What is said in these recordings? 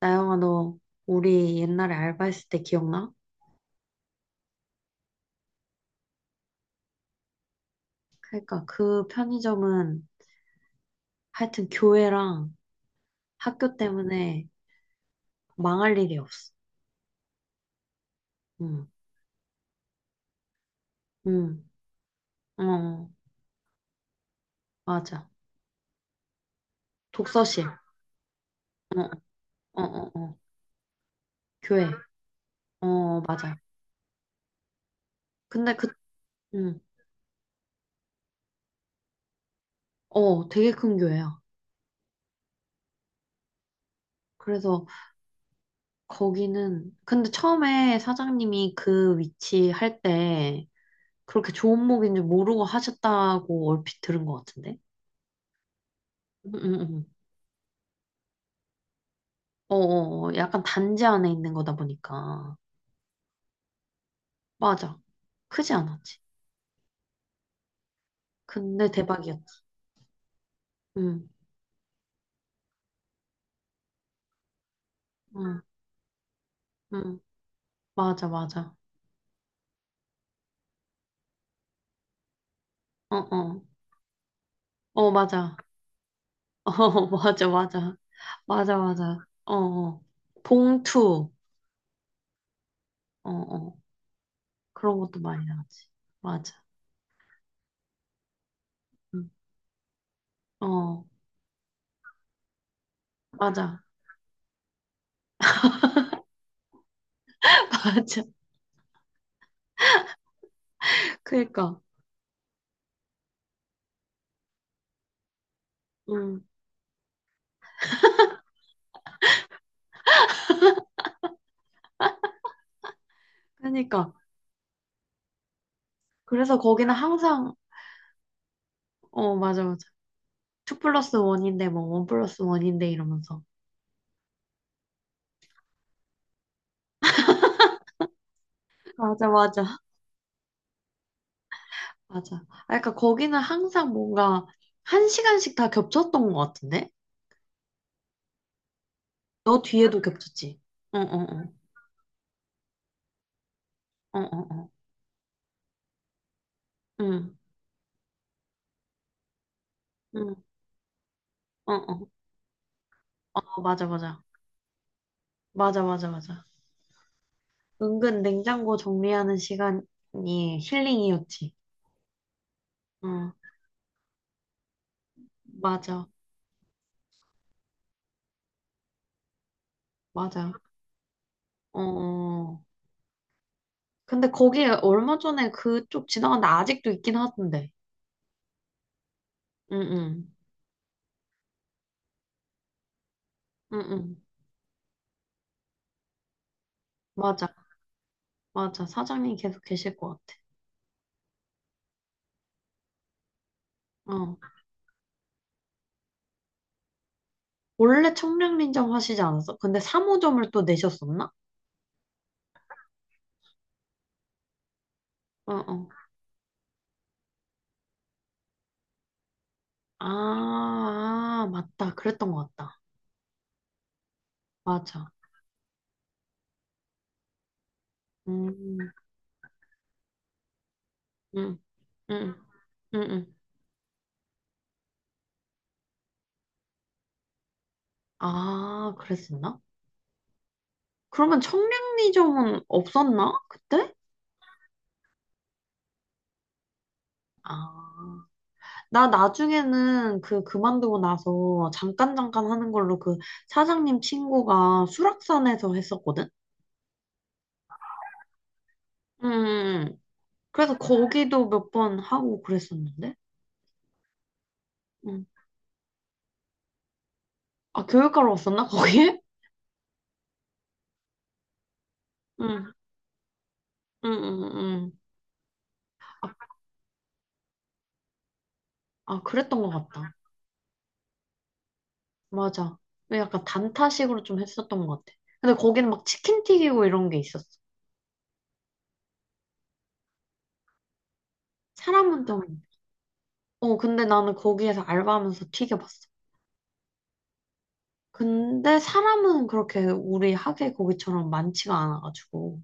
나영아, 너 우리 옛날에 알바했을 때 기억나? 그러니까 그 편의점은 하여튼 교회랑 학교 때문에 망할 일이 없어. 응, 응, 어, 맞아. 독서실, 어, 어, 어, 어, 교회, 어, 맞아. 근데 그, 응, 어, 되게 큰 교회야. 그래서 거기는, 근데 처음에 사장님이 그 위치 할 때 그렇게 좋은 목인 줄 모르고 하셨다고 얼핏 들은 것 같은데? 응, 응, 응. 어, 어, 어, 약간 단지 안에 있는 거다 보니까. 맞아. 크지 않았지. 근데 대박이었지. 응, 응, 응. 맞아, 맞아. 어, 어. 어, 맞아. 어, 맞아, 맞아. 맞아, 맞아. 어, 어. 봉투. 어, 어. 그런 것도 많이 나왔지. 맞아. 응. 어, 맞아. 맞아. 그니까. 응. 그니까. 그래서 거기는 항상, 어, 맞아, 맞아. 2 플러스 1인데, 뭐, 1 플러스 1인데 이러면서. 맞아, 맞아. 맞아. 아, 그러니까 거기는 항상 뭔가 한 시간씩 다 겹쳤던 것 같은데? 너 뒤에도 겹쳤지? 응, 응, 응. 응, 응, 응. 응, 응, 응, 응. 어, 맞아, 맞아. 맞아, 맞아, 맞아. 은근 냉장고 정리하는 시간이 힐링이었지. 응, 맞아, 맞아. 어, 어. 근데 거기 얼마 전에 그쪽 지나갔는데 아직도 있긴 하던데. 응, 응, 응, 응. 맞아, 맞아. 사장님 계속 계실 것 같아. 어. 원래 청량리점 하시지 않았어? 근데 3호점을 또 내셨었나? 어, 어. 아, 아, 맞다. 그랬던 것 같다. 맞아. 음, 음, 음, 음, 음. 아, 그랬었나? 그러면 청량리점은 없었나? 그때? 아. 나 나중에는 그 그만두고 나서 잠깐 잠깐 하는 걸로 그 사장님 친구가 수락산에서 했었거든? 음. 그래서 거기도 몇 번 하고 그랬었는데. 음. 아, 교육하러 왔었나, 거기에? 응, 응, 응, 응. 아, 아, 그랬던 것 같다. 맞아. 왜 약간 단타식으로 좀 했었던 것 같아. 근데 거기는 막 치킨 튀기고 이런 게 있었어. 사람은 좀, 어, 근데 나는 거기에서 알바하면서 튀겨봤어. 근데 사람은 그렇게 우리 학예 거기처럼 많지가 않아가지고.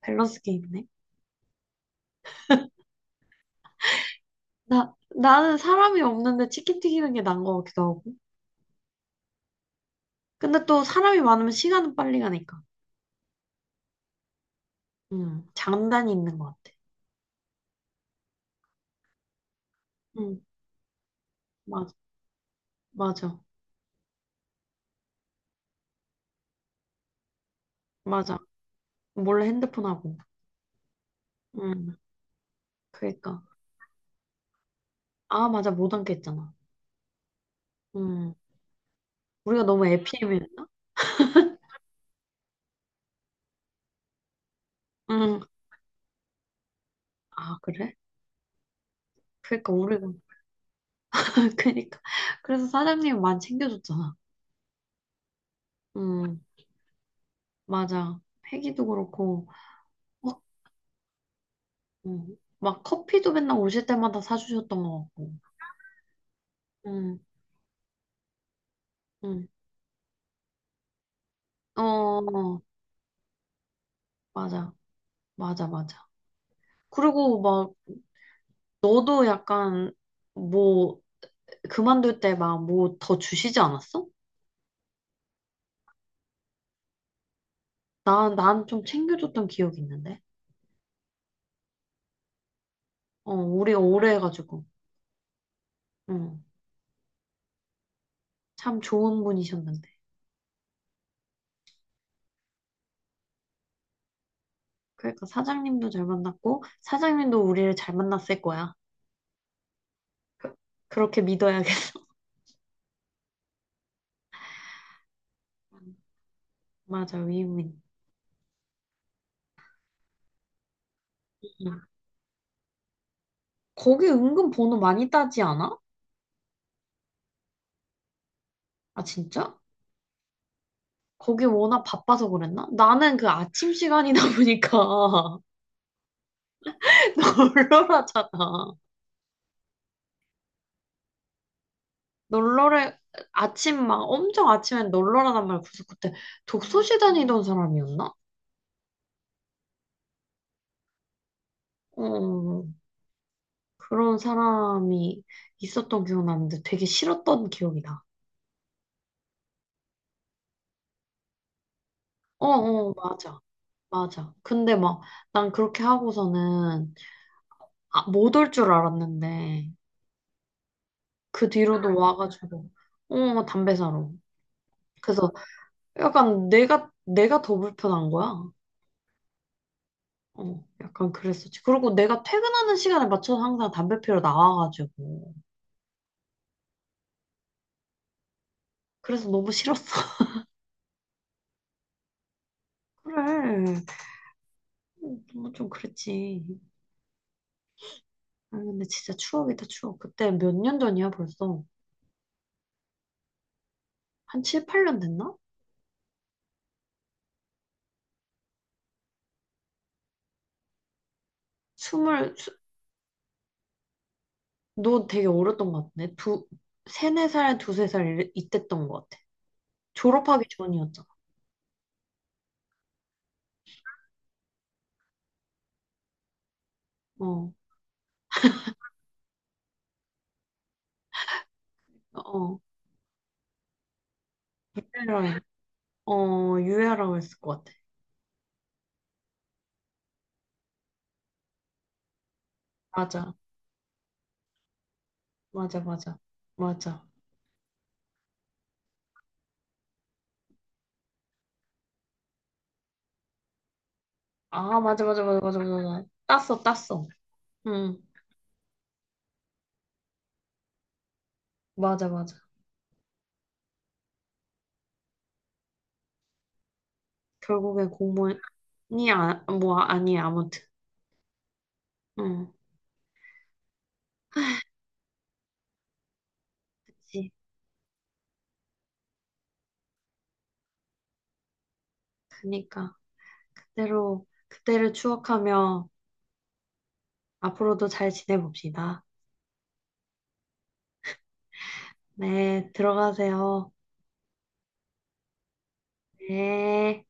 밸런스 게임이네. 나, 나는 사람이 없는데 치킨 튀기는 게 나은 것 같기도 하고. 근데 또 사람이 많으면 시간은 빨리 가니까. 응, 장단이 있는 것 같아. 응, 맞아, 맞아, 맞아. 몰래 핸드폰 하고. 음, 그니까. 아, 맞아, 못앉했잖아. 음, 우리가 너무 f 피이었나. 음, 아, 그래? 그니까, 우리가. 그니까. 그래서 사장님이 많이 챙겨줬잖아. 음, 맞아. 회기도 그렇고, 어, 막 커피도 맨날 오실 때마다 사주셨던 것 같고. 음, 음, 어, 어, 맞아. 맞아, 맞아. 그리고 막, 너도 약간, 뭐, 그만둘 때 막 뭐 더 주시지 않았어? 나 난 좀 챙겨줬던 기억이 있는데. 어, 우리 오래 해가지고. 응. 참 좋은 분이셨는데. 그러니까 사장님도 잘 만났고, 사장님도 우리를 잘 만났을 거야. 그- 그렇게 믿어야겠어. 맞아, 위민. 응. 거기 은근 번호 많이 따지 않아? 아, 진짜? 거기 워낙 바빠서 그랬나? 나는 그 아침 시간이다 보니까 널널하잖아. 널널해, 아침 막 엄청 아침엔 널널하단 말이야. 그래서 그때 독서실 다니던 사람이었나? 어, 그런 사람이 있었던 기억 나는데 되게 싫었던 기억이 나. 어, 어, 맞아. 맞아. 근데 막 난 그렇게 하고서는 아, 못 올 줄 알았는데 그 뒤로도 와가지고 어, 담배 사러. 그래서 약간 내가 더 불편한 거야. 어, 약간 그랬었지. 그리고 내가 퇴근하는 시간에 맞춰서 항상 담배 피러 나와가지고. 그래서 너무 싫었어. 그래. 좀 그랬지. 아, 근데 진짜 추억이다, 추억. 그때 몇 년 전이야, 벌써. 한 7, 8년 됐나? 스물, 스- 너 되게 어렸던 것 같네. 두, 세네 살, 두세 살 이때였던 것 같아. 졸업하기 전이었잖아. 어, 어, 유해라, 어, 유해라고 했을 것 같아. 맞아, 맞아, 맞아, 맞아. 아, 맞아, 맞아, 맞아, 맞아, 맞아. 땄어, 땄어. 응, 맞아, 맞아. 결국엔 공무원이 아, 뭐, 아니, 아무튼. 응, 그치. 그니까, 그대로, 그때를 추억하며 앞으로도 잘 지내봅시다. 네, 들어가세요. 네.